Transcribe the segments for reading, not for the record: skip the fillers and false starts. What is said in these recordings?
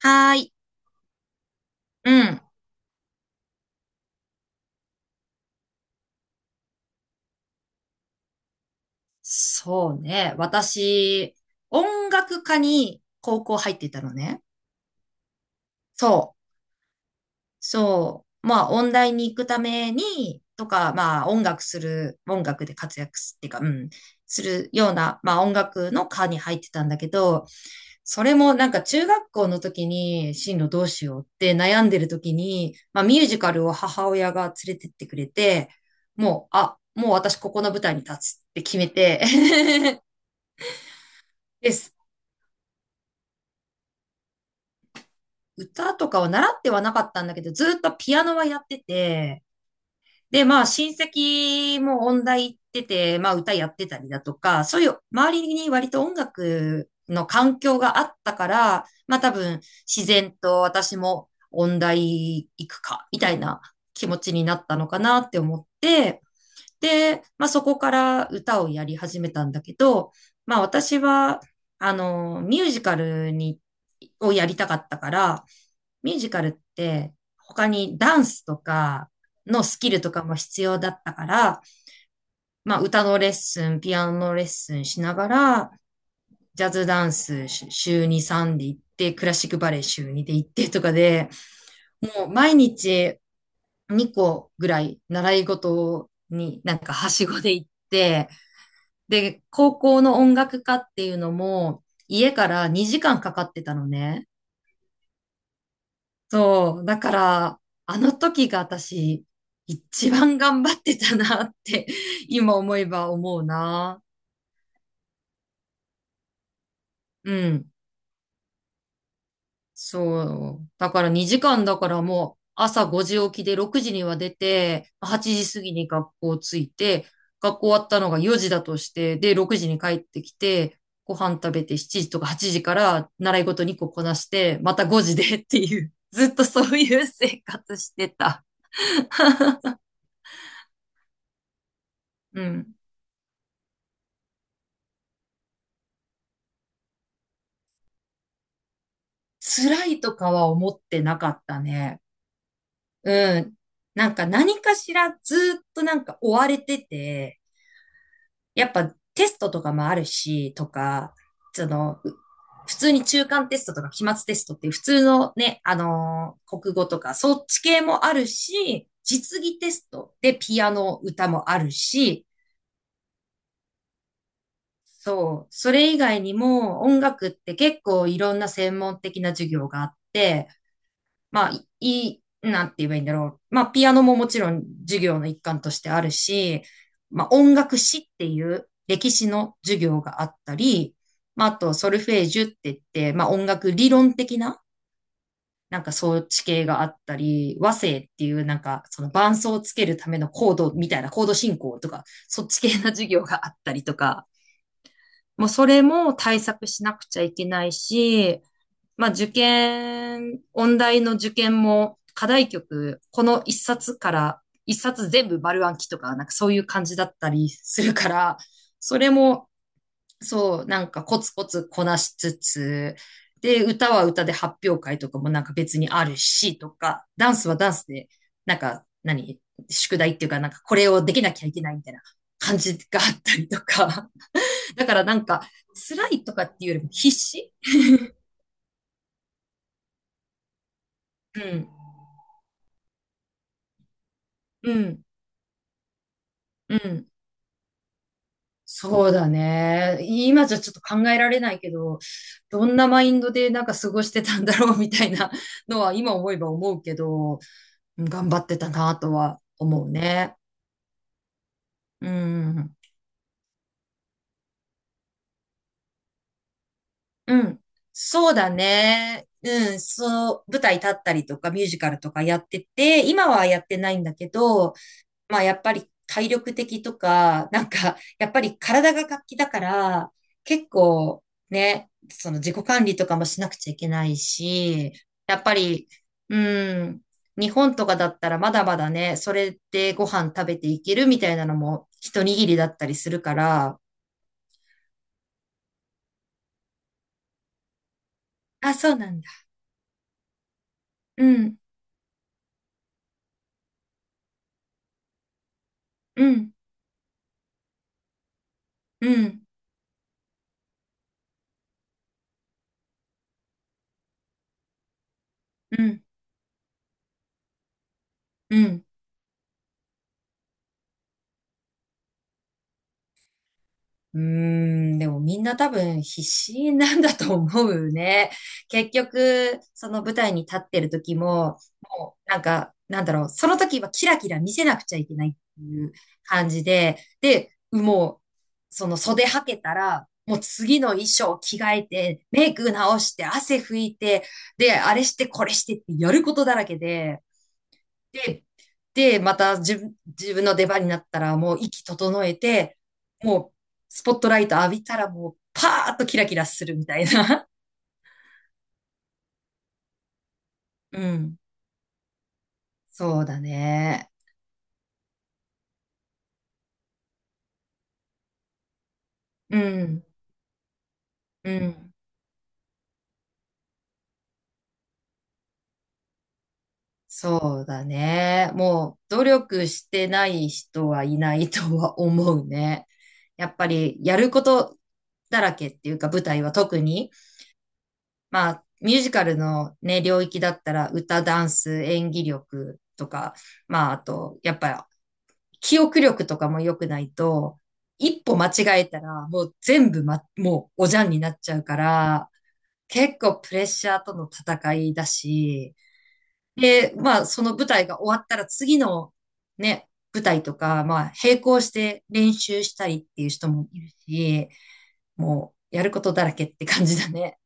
はーい。うん。そうね。私、音楽科に高校入ってたのね。そう。そう。まあ、音大に行くために、とか、まあ、音楽で活躍すっていうか、うん、するような、まあ、音楽の科に入ってたんだけど、それもなんか中学校の時に進路どうしようって悩んでる時に、まあ、ミュージカルを母親が連れてってくれて、もう私ここの舞台に立つって決めて です。歌とかは習ってはなかったんだけど、ずっとピアノはやってて、で、まあ親戚も音大行ってて、まあ歌やってたりだとか、そういう周りに割と音楽の環境があったから、まあ多分自然と私も音大行くか、みたいな気持ちになったのかなって思って、で、まあそこから歌をやり始めたんだけど、まあ私は、あの、ミュージカルに、をやりたかったから、ミュージカルって他にダンスとかのスキルとかも必要だったから、まあ歌のレッスン、ピアノのレッスンしながら、ジャズダンスし週2、3で行って、クラシックバレエ週2で行ってとかで、もう毎日2個ぐらい習い事になんかはしごで行って、で、高校の音楽科っていうのも、家から2時間かかってたのね。そう。だから、あの時が私、一番頑張ってたなって、今思えば思うな。うん。そう。だから2時間だからもう朝5時起きで6時には出て、8時過ぎに学校着いて、学校終わったのが4時だとして、で、6時に帰ってきて、ご飯食べて7時とか8時から習い事2個こなして、また5時で っていう、ずっとそういう生活してた。うん。辛いとかは思ってなかったね。うん。なんか何かしらずっとなんか追われてて、やっぱテストとかもあるし、とか、その、う普通に中間テストとか期末テストっていう普通のね、あのー国語とかそっち系もあるし、実技テストでピアノ歌もあるし、そう、それ以外にも音楽って結構いろんな専門的な授業があって、まあ、なんて言えばいいんだろう。まあ、ピアノももちろん授業の一環としてあるし、まあ、音楽史っていう歴史の授業があったり、まあ、あと、ソルフェージュって言って、まあ、音楽理論的な、なんか装置系があったり、和声っていう、なんか、その伴奏をつけるためのコードみたいな、コード進行とか、そっち系な授業があったりとか、もうそれも対策しなくちゃいけないし、まあ、音大の受験も課題曲、この一冊から一冊全部丸暗記とか、なんかそういう感じだったりするから、それも、そう、なんかコツコツこなしつつ、で、歌は歌で発表会とかもなんか別にあるし、とか、ダンスはダンスで、なんか、何、宿題っていうか、なんかこれをできなきゃいけないみたいな感じがあったりとか。だからなんか、辛いとかっていうよりも必死。うん、うん、うん。そうだね。今じゃちょっと考えられないけど、どんなマインドでなんか過ごしてたんだろうみたいなのは今思えば思うけど、うん頑張ってたなとは思うね。うん。うん。そうだね。うん。そう、舞台立ったりとかミュージカルとかやってて、今はやってないんだけど、まあやっぱり体力的とか、なんか やっぱり体が活気だから、結構ね、その自己管理とかもしなくちゃいけないし、やっぱり、うん、日本とかだったらまだまだね、それでご飯食べていけるみたいなのも一握りだったりするから、あ、そうなんだ。うん、うん、うん、うん、うん。うーん、でもみんな多分必死なんだと思うね。結局、その舞台に立ってる時も、なんだろう、その時はキラキラ見せなくちゃいけないっていう感じで、で、もう、その袖はけたら、もう次の衣装着替えて、メイク直して、汗拭いて、で、あれしてこれしてってやることだらけで、で、で、また自分の出番になったらもう息整えて、もうスポットライト浴びたらもうパーッとキラキラするみたいな。うん。そうだね。うん。うん。そうだね。もう努力してない人はいないとは思うね。やっぱりやることだらけっていうか舞台は特に。まあ、ミュージカルのね、領域だったら歌、ダンス、演技力とか、まあ、あと、やっぱり記憶力とかも良くないと、一歩間違えたら、もう全部ま、もうおじゃんになっちゃうから、結構プレッシャーとの戦いだし、で、まあ、その舞台が終わったら次のね、舞台とか、まあ、並行して練習したりっていう人もいるし、もう、やることだらけって感じだね。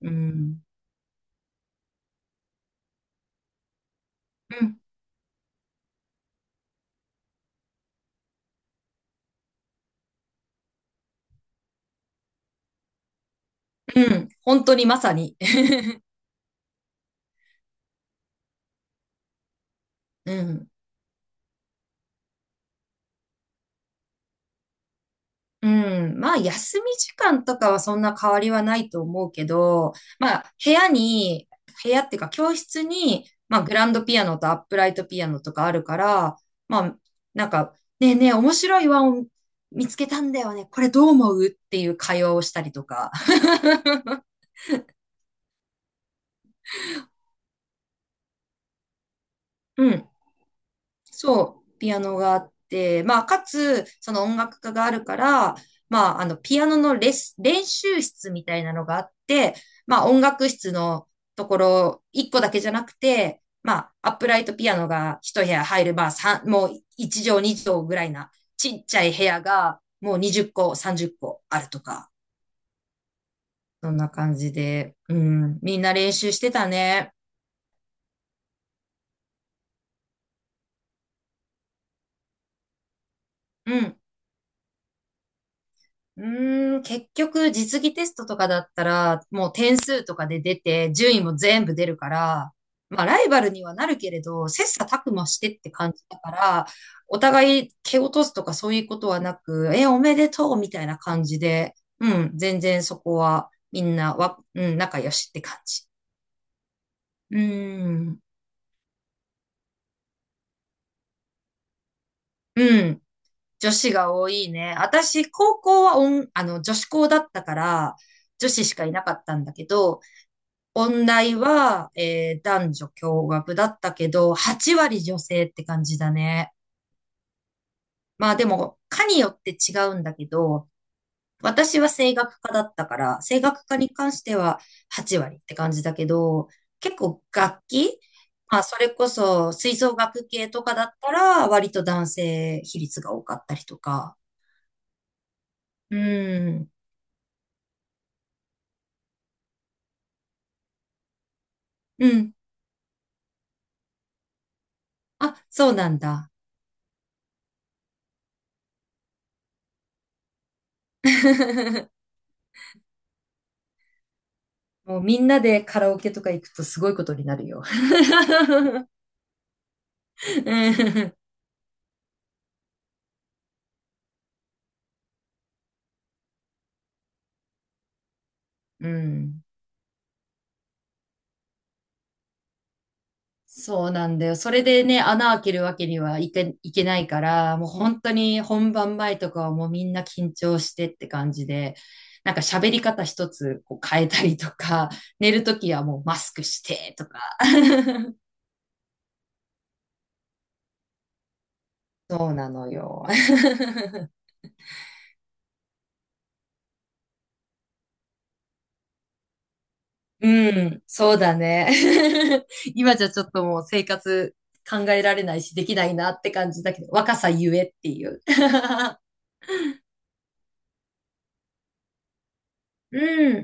うん。うんうん、本当にまさに。うん。うん。まあ、休み時間とかはそんな変わりはないと思うけど、まあ、部屋っていうか教室に、まあ、グランドピアノとアップライトピアノとかあるから、まあ、なんか、ねえねえ、面白い和音見つけたんだよね。これどう思うっていう会話をしたりとか。うん。そう、ピアノがあって、まあ、かつ、その音楽家があるから、まあ、あの、ピアノのレス、練習室みたいなのがあって、まあ、音楽室のところ、1個だけじゃなくて、まあ、アップライトピアノが1部屋入る、まあ、さんもう1畳2畳ぐらいな、ちっちゃい部屋が、もう20個、30個あるとか、そんな感じで、うん、みんな練習してたね。うん。うーん、結局実技テストとかだったら、もう点数とかで出て、順位も全部出るから、まあライバルにはなるけれど、切磋琢磨してって感じだから、お互い蹴落とすとかそういうことはなく、え、おめでとうみたいな感じで、うん、全然そこはみんな、うん、仲良しって感じ。うーん、うん、女子が多いね。私、高校は、あの、女子校だったから、女子しかいなかったんだけど、音大は、えー男女共学だったけど、8割女性って感じだね。まあでも、科によって違うんだけど、私は声楽科だったから、声楽科に関しては8割って感じだけど、結構楽器、まあそれこそ吹奏楽系とかだったら、割と男性比率が多かったりとか。うん、うん。あ、そうなんだ。もうみんなでカラオケとか行くとすごいことになるよ。うんうん。そうなんだよ。それでね、穴開けるわけにはいけ、いけないから、もう本当に本番前とかはもうみんな緊張してって感じで、なんか喋り方一つこう変えたりとか、寝るときはもうマスクしてとか。そうなのよ。うん、そうだね。今じゃちょっともう生活考えられないし、できないなって感じだけど、若さゆえっていう。うん。